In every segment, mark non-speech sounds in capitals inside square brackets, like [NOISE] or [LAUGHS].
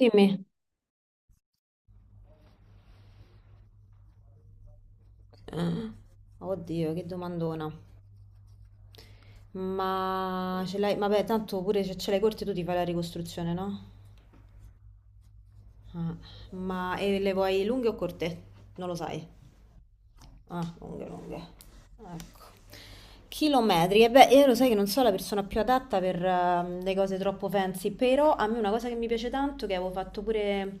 Dimmi. Eh, Oddio, che domandona. Ma ce l'hai, vabbè, tanto pure se ce l'hai corte tu ti fai la ricostruzione, no? Ah, ma e le vuoi lunghe o corte? Non lo sai. Ah, lunghe, lunghe. Ecco. Chilometri. E beh, io lo sai che non sono la persona più adatta per le cose troppo fancy, però a me una cosa che mi piace tanto, che avevo fatto pure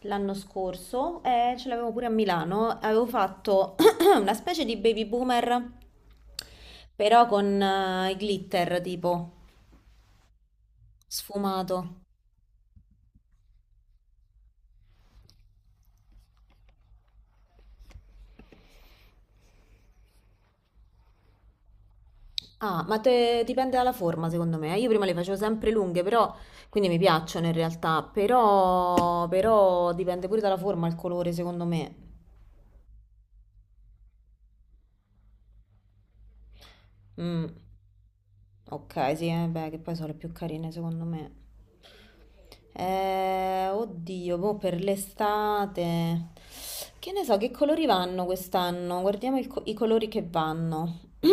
l'anno scorso, e ce l'avevo pure a Milano, avevo fatto [CLEARS THROAT] una specie di baby boomer, però con i glitter tipo sfumato. Ah, ma te- dipende dalla forma, secondo me. Io prima le facevo sempre lunghe, però quindi mi piacciono in realtà, però, dipende pure dalla forma, il colore, secondo me. Mm. Ok, sì, beh, che poi sono le più carine, secondo me. Oddio, boh, per l'estate. Che ne so, che colori vanno quest'anno? Guardiamo il co- i colori che vanno. [CLEARS THROAT]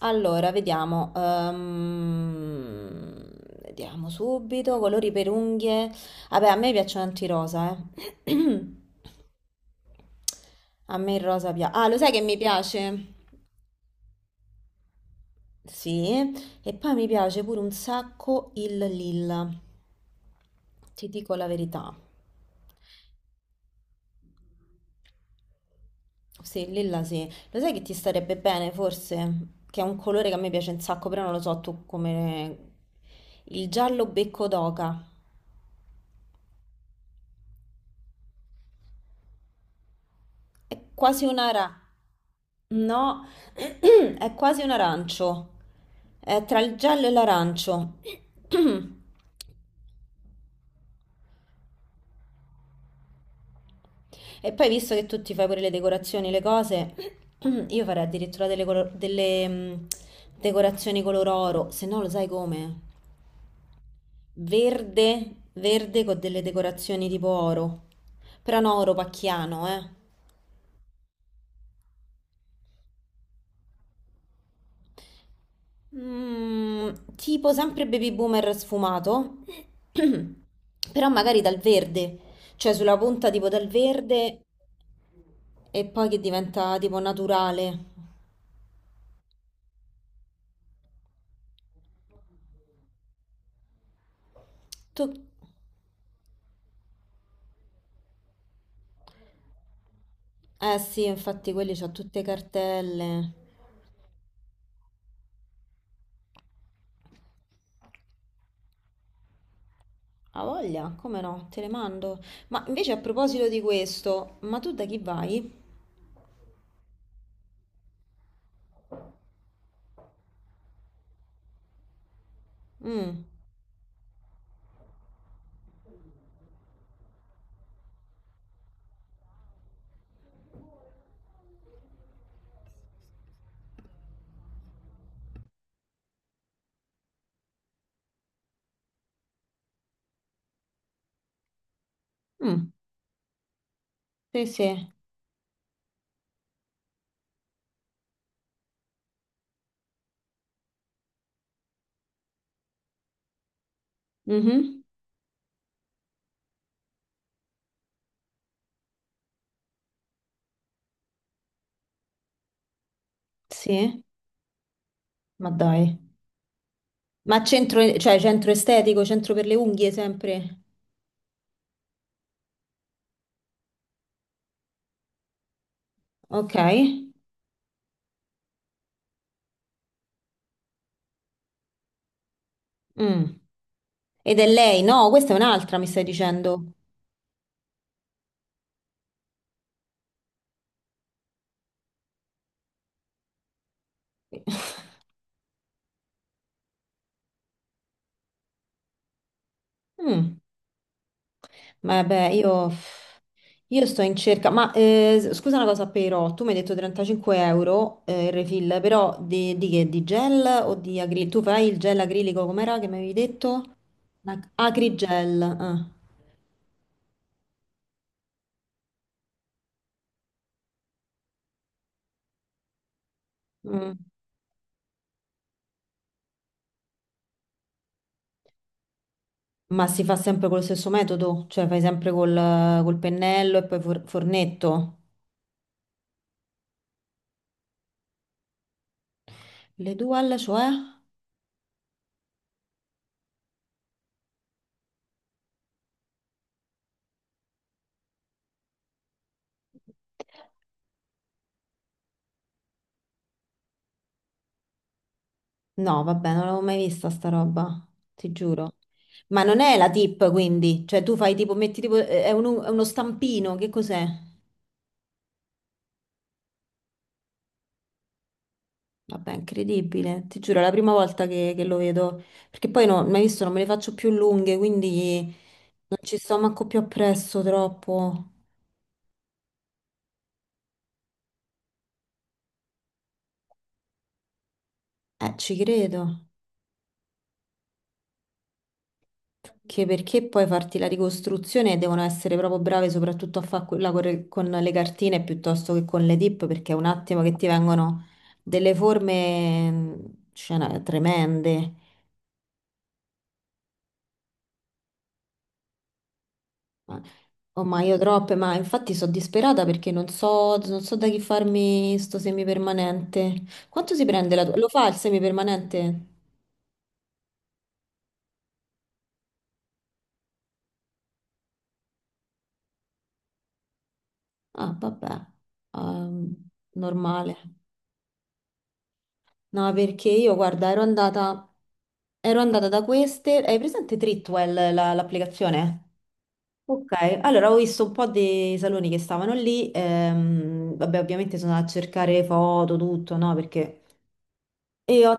Allora, vediamo. Vediamo subito. Colori per unghie. Vabbè, a me piacciono tanto i rosa, eh. [CLEARS THROAT] A me il rosa piace. Ah, lo sai che mi piace? Sì. E poi mi piace pure un sacco il lilla. Ti dico la verità. Sì, il lilla sì. Lo sai che ti starebbe bene, forse? Che è un colore che a me piace un sacco, però non lo so tu come... Il giallo becco d'oca. È quasi una ra... No, [CLEARS THROAT] è quasi un arancio. È tra il giallo e l'arancio. [CLEARS THROAT] E poi, visto che tu ti fai pure le decorazioni, le cose, [CLEARS THROAT] io farei addirittura delle, colo- delle, decorazioni color oro, se no lo sai come? Verde, verde con delle decorazioni tipo oro. Però no, oro pacchiano, eh. Mm, tipo sempre baby boomer sfumato, [CLEARS THROAT] però magari dal verde, cioè sulla punta tipo dal verde e poi che diventa tipo naturale. Tu... Eh sì, infatti quelli c'ho tutte cartelle. A voglia, come no, te le mando. Ma invece a proposito di questo, ma tu da chi vai? Mm. Mm. Sì, sì. Mhm. Sì, ma dai. Ma centro, cioè centro estetico, centro per le unghie sempre? Ok. Mm. Ed è lei? No, questa è un'altra, mi stai dicendo. [LAUGHS] Mm. Vabbè, io sto in cerca. Ma scusa una cosa, però, tu mi hai detto 35 euro il refill, però di che? Di gel o di acrilico? Tu fai il gel acrilico, com'era che mi avevi detto? Ac- Acrigel. Ah. Mm. Ma si fa sempre col stesso metodo? Cioè fai sempre col, col pennello e poi for- fornetto? Le dual, cioè? No, vabbè, non l'avevo mai vista sta roba, ti giuro. Ma non è la tip, quindi, cioè tu fai tipo, metti tipo, è un- è uno stampino, che cos'è? Vabbè, incredibile, ti giuro, è la prima volta che lo vedo, perché poi no, mai visto, non me le faccio più lunghe, quindi non ci sto manco più appresso troppo. Ci credo. Che perché poi farti la ricostruzione devono essere proprio brave soprattutto a fare quella corre- con le cartine piuttosto che con le dip, perché è un attimo che ti vengono delle forme, cioè, no, tremende. Ma- Oh, ma io troppe, ma infatti sono disperata perché non so, non so da chi farmi sto semipermanente. Quanto si prende la tua? Lo fa il semipermanente? Ah, vabbè, ehm, normale. No, perché io, guarda, ero andata da queste. Hai presente Tritwell, la- l'applicazione? Ok, allora ho visto un po' dei saloni che stavano lì. Vabbè, ovviamente sono andata a cercare foto, tutto, no? Perché. E ho.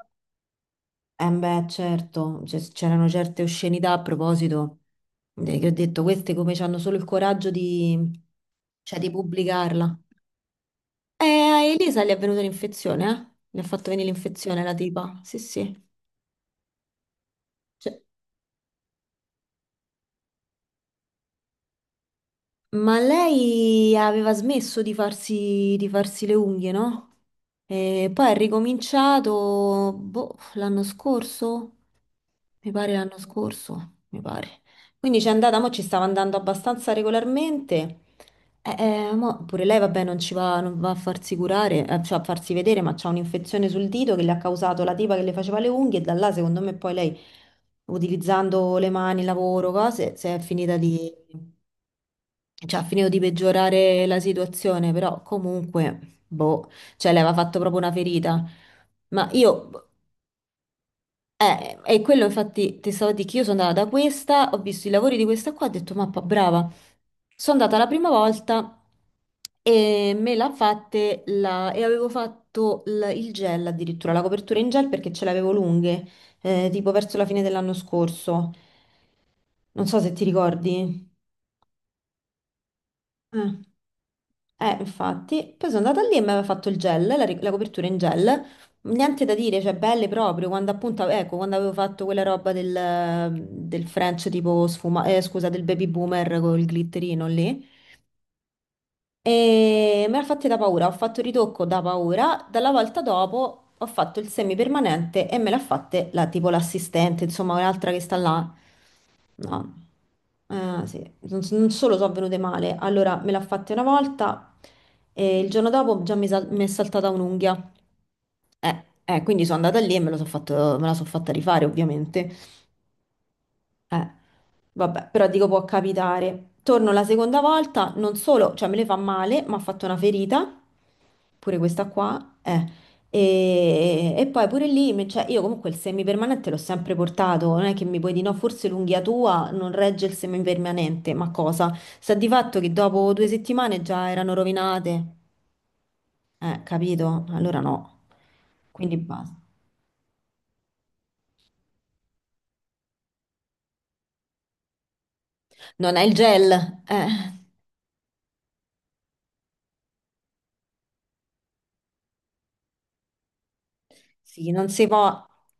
Beh, certo, cioè, c'erano certe oscenità a proposito, che ho detto, queste come hanno solo il coraggio di, cioè, di pubblicarla. E a Elisa gli è venuta l'infezione, eh? Le ha fatto venire l'infezione la tipa. Sì, sì. Cioè, ma lei aveva smesso di farsi le unghie, no? E poi ha ricominciato, boh, l'anno scorso? Mi pare l'anno scorso, mi pare. Quindi c'è andata, mo ci stava andando abbastanza regolarmente. Mo pure lei, vabbè, non ci va, non va a farsi curare, cioè a farsi vedere, ma c'ha un'infezione sul dito che le ha causato la tipa che le faceva le unghie e da là, secondo me, poi lei, utilizzando le mani, lavoro, cose, si è finita di... cioè ha finito di peggiorare la situazione, però comunque, boh, cioè le aveva fatto proprio una ferita. Ma io e quello infatti ti stavo a dire che io sono andata da questa, ho visto i lavori di questa qua, ho detto mappa brava. Sono andata la prima volta e me l'ha fatte la... e avevo fatto l- il gel addirittura, la copertura in gel perché ce l'avevo lunghe, tipo verso la fine dell'anno scorso. Non so se ti ricordi. Eh. Infatti, poi sono andata lì e mi aveva fatto il gel, la, ri- la copertura in gel, niente da dire, cioè belle proprio, quando appunto, ecco, quando avevo fatto quella roba del, del French tipo sfuma, scusa, del baby boomer col glitterino lì, e me l'ha fatta da paura, ho fatto il ritocco da paura, dalla volta dopo ho fatto il semipermanente e me l'ha fatta la, tipo l'assistente, insomma un'altra che sta là. No, eh, sì. Non solo sono venute male, allora me l'ha fatta una volta e il giorno dopo già mi, sal- mi è saltata un'unghia. Quindi sono andata lì e me lo so fatto- me la sono fatta rifare ovviamente. Eh. Vabbè, però dico può capitare. Torno la seconda volta, non solo, cioè me le fa male, ma ha fatto una ferita, pure questa qua, eh. E poi pure lì, me- cioè, io comunque il semipermanente l'ho sempre portato, non è che mi puoi dire no, forse l'unghia tua non regge il semipermanente, ma cosa? Sta di fatto che dopo 2 settimane già erano rovinate, capito? Allora no, quindi basta. Non hai il gel, eh. Sì, non si può.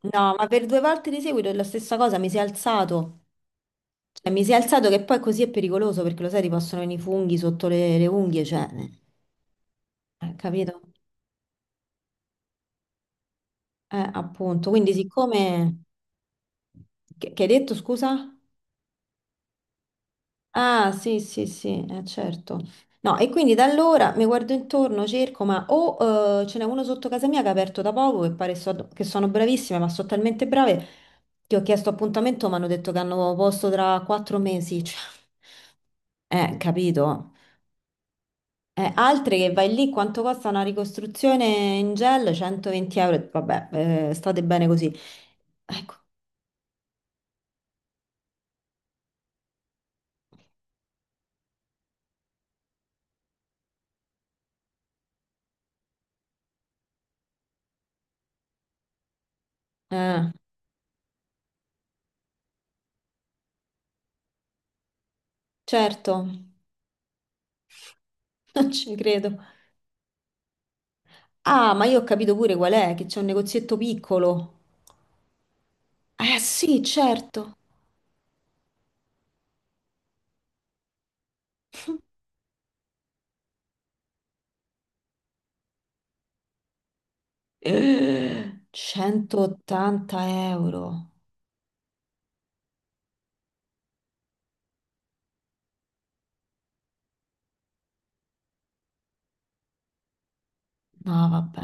No, ma per 2 volte di seguito è la stessa cosa, mi si è alzato. Cioè, mi si è alzato che poi così è pericoloso perché lo sai, ti possono venire i funghi sotto le unghie, cioè, capito? Appunto. Quindi, siccome... Che hai detto, scusa? Ah, sì, sì, sì, certo. No, e quindi da allora mi guardo intorno, cerco, ma o ce n'è uno sotto casa mia che ha aperto da poco e pare so- che sono bravissime, ma sono talmente brave che ho chiesto appuntamento, ma hanno detto che hanno posto tra 4 mesi. [LAUGHS] Cioè, capito? Altre che vai lì, quanto costa una ricostruzione in gel? 120 euro. Vabbè, state bene così. Ecco, eh, certo, [LAUGHS] non ci credo. Ah, ma io ho capito pure qual è, che c'è un negozietto piccolo. Eh sì, certo. 180 euro. No, vabbè.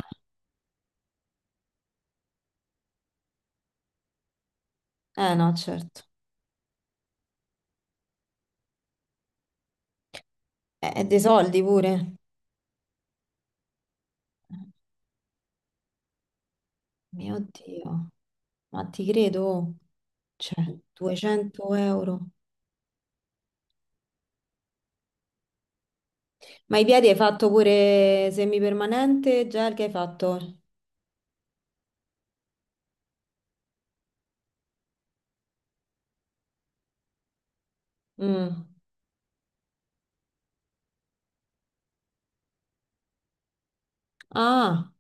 Eh no, certo. È dei soldi pure. Mio Dio, ma ti credo. Cioè, 200 euro. Ma i piedi hai fatto pure semipermanente? Gel che hai fatto? Mm. Ah.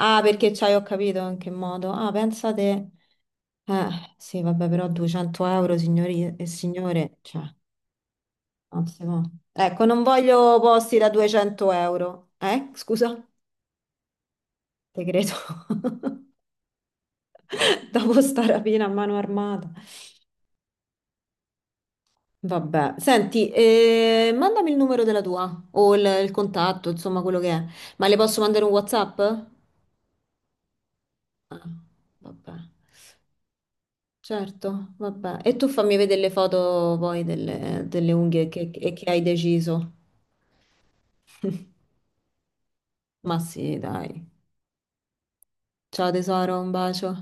Ah, perché c'hai, ho capito in che modo. Ah, pensate. Sì, vabbè, però 200 euro, signori e signore, cioè, non si può. Ecco, non voglio posti da 200 euro. Scusa, te credo. [LAUGHS] Dopo sta rapina a mano armata. Vabbè, senti, mandami il numero della tua o il contatto, insomma, quello che è. Ma le posso mandare un WhatsApp? Ah, vabbè, certo, vabbè. E tu fammi vedere le foto poi delle, delle unghie che hai deciso. [LAUGHS] Ma sì, dai. Ciao tesoro, un bacio.